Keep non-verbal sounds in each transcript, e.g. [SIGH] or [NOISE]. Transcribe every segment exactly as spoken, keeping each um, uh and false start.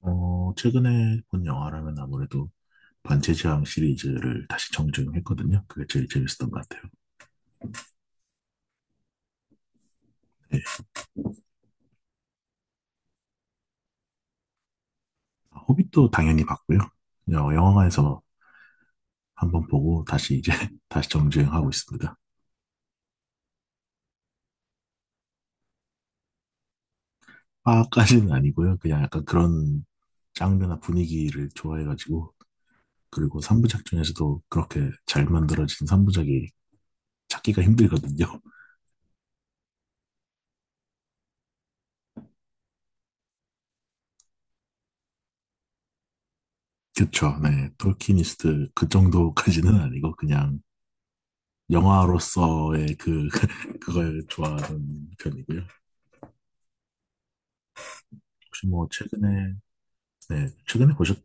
어, 최근에 본 영화라면 아무래도 반지의 제왕 시리즈를 다시 정주행했거든요. 그게 제일 재밌었던 것 같아요. 아, 호빗도 당연히 봤고요. 어, 영화관에서 한번 보고 다시 이제 [LAUGHS] 다시 정주행하고 있습니다. 파까지는 아니고요. 그냥 약간 그런 장르나 분위기를 좋아해가지고, 그리고 삼 부작 중에서도 그렇게 잘 만들어진 삼 부작이 찾기가 힘들거든요. [LAUGHS] 그쵸. 네. 톨키니스트 그 정도까지는 아니고 그냥 영화로서의 그 [LAUGHS] 그걸 좋아하는 편이고요. 혹시 뭐 최근에, 네, 최근에 보셨...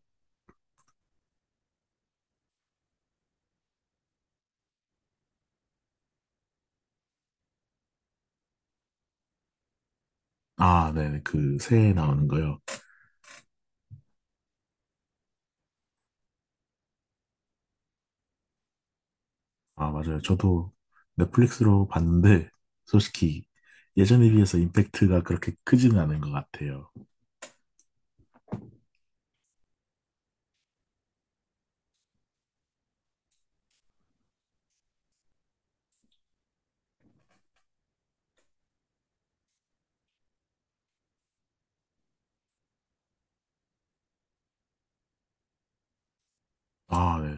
아, 네, 그 새해 나오는 거요. 아, 맞아요. 저도 넷플릭스로 봤는데 솔직히 예전에 비해서 임팩트가 그렇게 크지는 않은 것 같아요. 아, 네.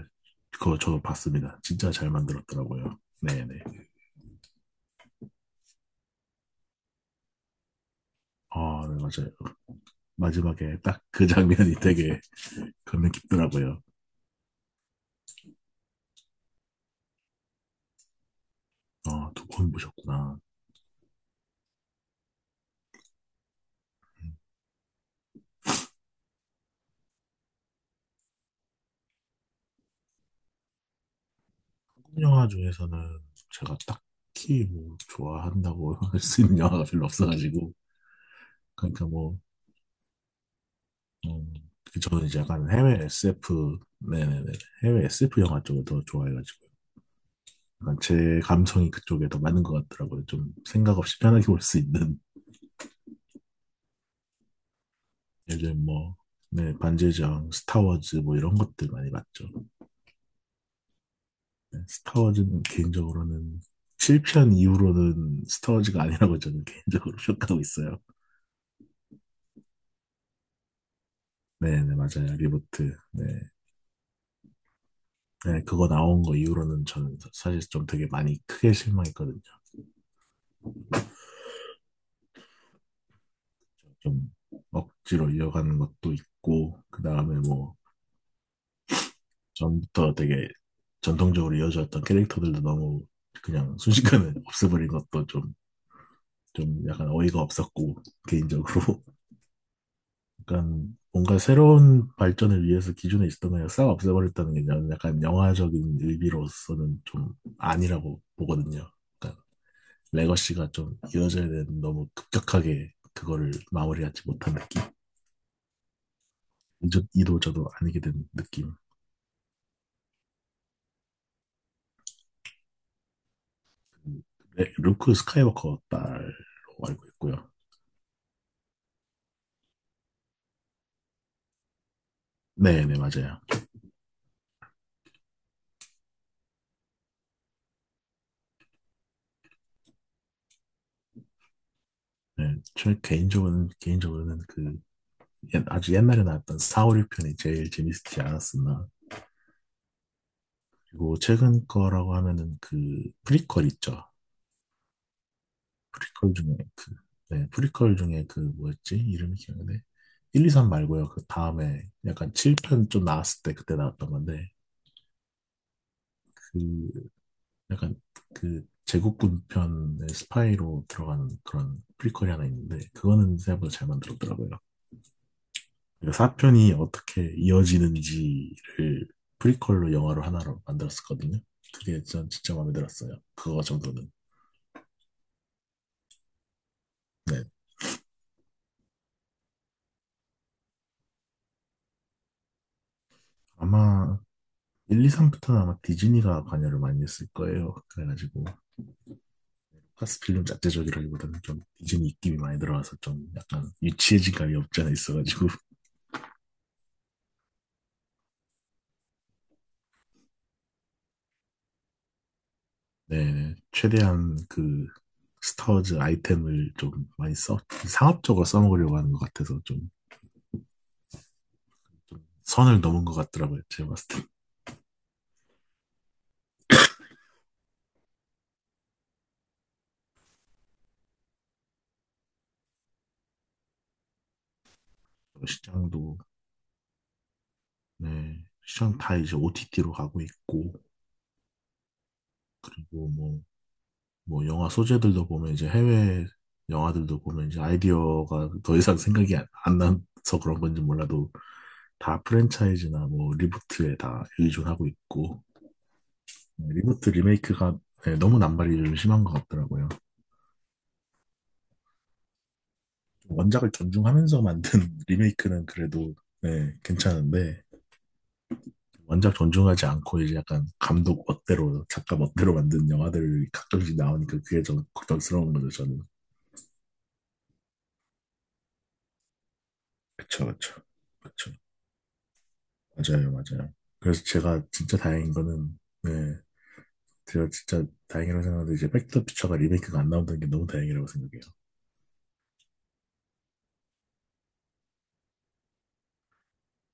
그거 저도 봤습니다. 진짜 잘 만들었더라고요. 네네. 아, 네, 맞아요. 마지막에 딱 그 장면이 되게 [LAUGHS] 감명 깊더라고요. 아, 두 번 보셨구나. 영화 중에서는 제가 딱히 뭐 좋아한다고 [LAUGHS] 할 수 있는 영화가 별로 없어가지고, 그러니까 뭐, 음, 그 저는 이제 약간 해외 에스에프, 네네네, 해외 에스에프 영화 쪽을 더 좋아해가지고, 약간 제 감성이 그쪽에 더 맞는 것 같더라고요. 좀 생각 없이 편하게 볼 수 있는. [LAUGHS] 요즘 뭐네 반지의 제왕, 스타워즈 뭐 이런 것들 많이 봤죠. 네, 스타워즈는 개인적으로는 칠 편 이후로는 스타워즈가 아니라고 저는 개인적으로 [LAUGHS] 평가하고 있어요. 네네, 맞아요, 리부트, 네. 네, 그거 나온 거 이후로는 저는 사실 좀 되게 많이 크게 실망했거든요. 좀 억지로 이어가는 것도 있고, 그 다음에 뭐, 전부터 되게 전통적으로 이어졌던 캐릭터들도 너무 그냥 순식간에 [LAUGHS] 없애버린 것도 좀, 좀 약간 어이가 없었고, 개인적으로. [LAUGHS] 약간 뭔가 새로운 발전을 위해서 기존에 있었던 걸 싹 없애버렸다는 게 저는 약간 영화적인 의미로서는 좀 아니라고 보거든요. 그러니까 레거시가 좀 이어져야 되는, 너무 급격하게 그거를 마무리하지 못한 느낌. 이도, 이도 저도 아니게 된 느낌. 네, 루크 스카이워커 딸로 알고 있고요. 네, 네, 맞아요. 네, 저 개인적으로는, 개인적으로는 그 옛- 아주 옛날에 나왔던 사, 오, 육 편이 제일 재밌지 않았었나. 그리고 최근 거라고 하면은 그 프리퀄 있죠. 프리퀄 중에 그, 네, 프리퀄 중에 그 뭐였지? 이름이 기억나네. 일, 이, 삼 말고요. 그 다음에 약간 칠 편 좀 나왔을 때 그때 나왔던 건데, 그 약간 그 제국군 편의 스파이로 들어가는 그런 프리퀄이 하나 있는데 그거는 생각보다 잘 만들었더라고요. 그 사편이 어떻게 이어지는지를 프리퀄로 영화로 하나로 만들었었거든요. 그게 전 진짜 마음에 들었어요. 그거 정도는. 네. 아마 일, 이, 삼부터는 아마 디즈니가 관여를 많이 했을 거예요. 그래가지고 파스필름 자체적이라기보다는 좀 디즈니 입김이 많이 들어와서 좀 약간 유치해진 감이 없지 않아 있어가지고, 네, 최대한 그 스타워즈 아이템을 좀 많이 써, 상업적으로 써먹으려고 하는 것 같아서 좀 선을 넘은 것 같더라고요. 제가 봤을 때. 시장도, 네, 시장 다 이제 오티티로 가고 있고, 그리고 뭐, 뭐 영화 소재들도 보면 이제 해외 영화들도 보면 이제 아이디어가 더 이상 생각이 안, 안 나서 그런 건지 몰라도 다 프랜차이즈나 뭐 리부트에 다 의존하고 있고, 네, 리부트 리메이크가, 네, 너무 남발이 좀 심한 것 같더라고요. 원작을 존중하면서 만든 [LAUGHS] 리메이크는 그래도, 네, 괜찮은데, 원작 존중하지 않고 이제 약간 감독 멋대로 작가 멋대로 만든 영화들이 가끔씩 나오니까 그게 좀 걱정스러운 거죠, 저는. 그쵸, 그쵸, 그쵸. 맞아요, 맞아요. 그래서 제가 진짜 다행인 거는, 네, 제가 진짜 다행이라고 생각하는데, 이제 백투더 피처가 리메이크가 안 나온다는 게 너무 다행이라고 생각해요.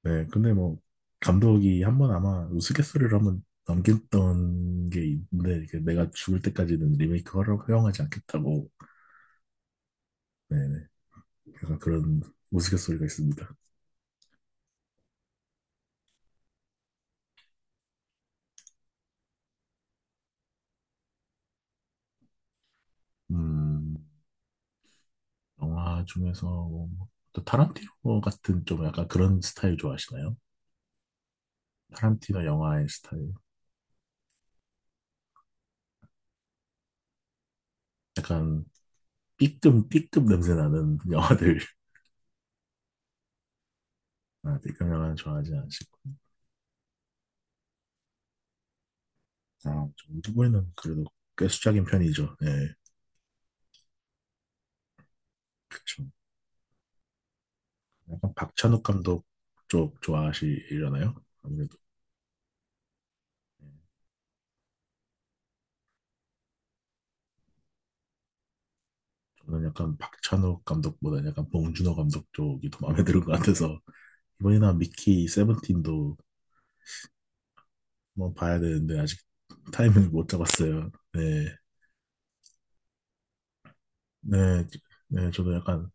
네, 근데 뭐, 감독이 한번 아마 우스갯소리로 한번 넘겼던 게 있는데, 이게 내가 죽을 때까지는 리메이크 허- 허용하지 않겠다고. 네네. 그래서 그런 우스갯소리가 있습니다. 음, 영화 중에서, 뭐, 또 타란티노 같은 좀 약간 그런 스타일 좋아하시나요? 타란티노 영화의 스타일. 약간 B급, B급 냄새 나는 영화들. [LAUGHS] 아, B급 영화는 좋아하지 않으시고. 아, 좀 후보에는 그래도 꽤 수작인 편이죠. 네, 그쵸. 박찬욱 감독 쪽 좋아하시려나요? 아무래도 저는 약간 박찬욱 감독보다는 약간 봉준호 감독 쪽이 더 마음에 드는 것 같아서 이번이나 미키 세븐틴도 한번 봐야 되는데 아직 타이밍을 못 잡았어요. 네, 네, 네, 저도 약간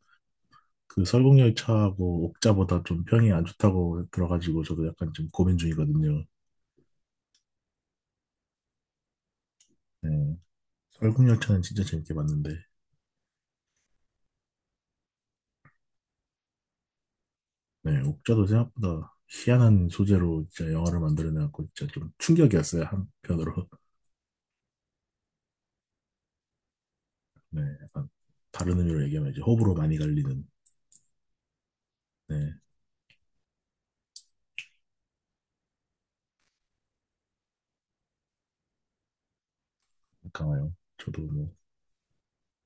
그 설국열차하고 옥자보다 좀 평이 안 좋다고 들어가지고 저도 약간 좀 고민 중이거든요. 네, 설국열차는 진짜 재밌게 봤는데, 네, 옥자도 생각보다 희한한 소재로 진짜 영화를 만들어내갖고 진짜 좀 충격이었어요, 한편으로. [LAUGHS] 네, 약간 다른 의미로 얘기하면 이제 호불호 많이 갈리는... 네, 강화요. 저도 뭐,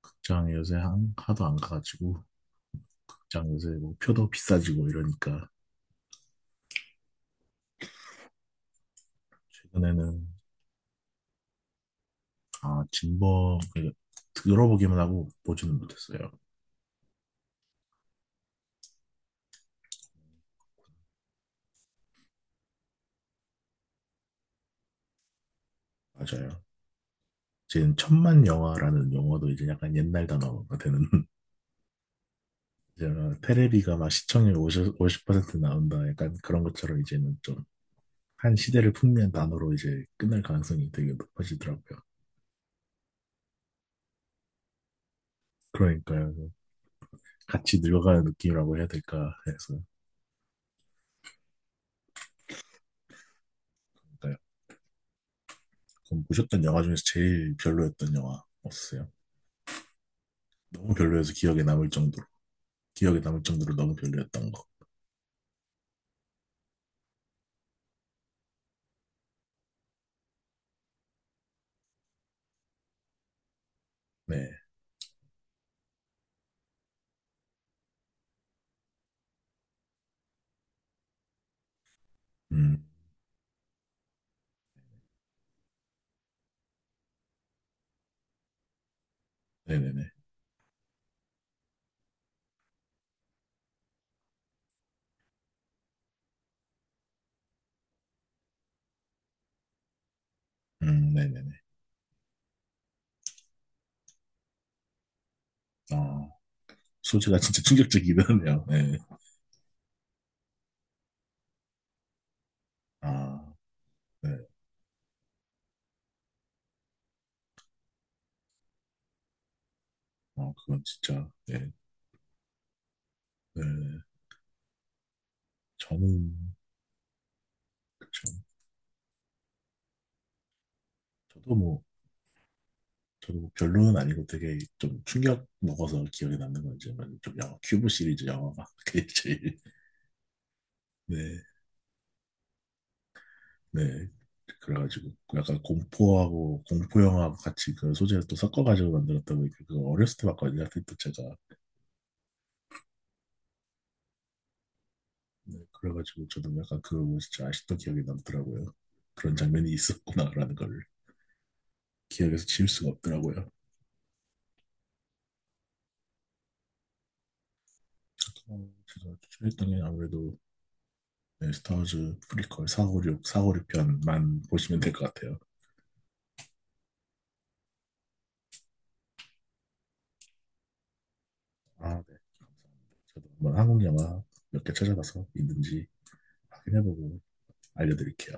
극장 요새 한, 하도 안 가가지고, 극장 요새 뭐, 표도 비싸지고 이러니까, 최근에는... 아, 진범, 그 들어보기만 하고 보지는 못했어요. 맞아요. 지금 천만 영화라는 용어도 이제 약간 옛날 단어가 되는, 이제는 테레비가 막 시청률 십퍼오십 퍼센트 나온다. 약간 그런 것처럼 이제는 좀 한 시대를 풍미한 단어로 이제 끝날 가능성이 되게 높아지더라고요. 그러니까요. 같이 늙어가는 느낌이라고 해야 될까 해서. 그러니까요. 그럼 보셨던 영화 중에서 제일 별로였던 영화 없으세요? 너무 별로여서 기억에 남을 정도로. 기억에 남을 정도로 너무 별로였던 거. 네. 음, 네네네. 음, 네네네. 어, 소재가 진짜 충격적이긴 하네요. 네. 아, 네. 어, 그건 진짜, 네. 네. 저는 저- 저도 뭐, 저도 뭐 별로는 아니고 되게 좀 충격 먹어서 기억에 남는 건 이제 뭐좀 영화, 큐브 시리즈 영화가 [LAUGHS] 그게 제일... 네, 네. 그래가지고 약간 공포하고 공포 영화하고 같이 그 소재를 또 섞어가지고 만들었던 게 그거 어렸을 때 봤거든요. 하필 또 제가. 네, 그래가지고 저도 약간 그거 보고 진짜 아직도 기억에 남더라고요. 그런 장면이 있었구나라는 걸 기억에서 지울 수가 없더라고요. 어, 제가 추천했던 게 아무래도, 네, 스타워즈 프리퀄 사오육, 사오육 편만 보시면 될 것 같아요. 아, 네. 감사합니다. 저도 한번 한국 영화 몇 개 찾아봐서 있는지 확인해보고 알려드릴게요.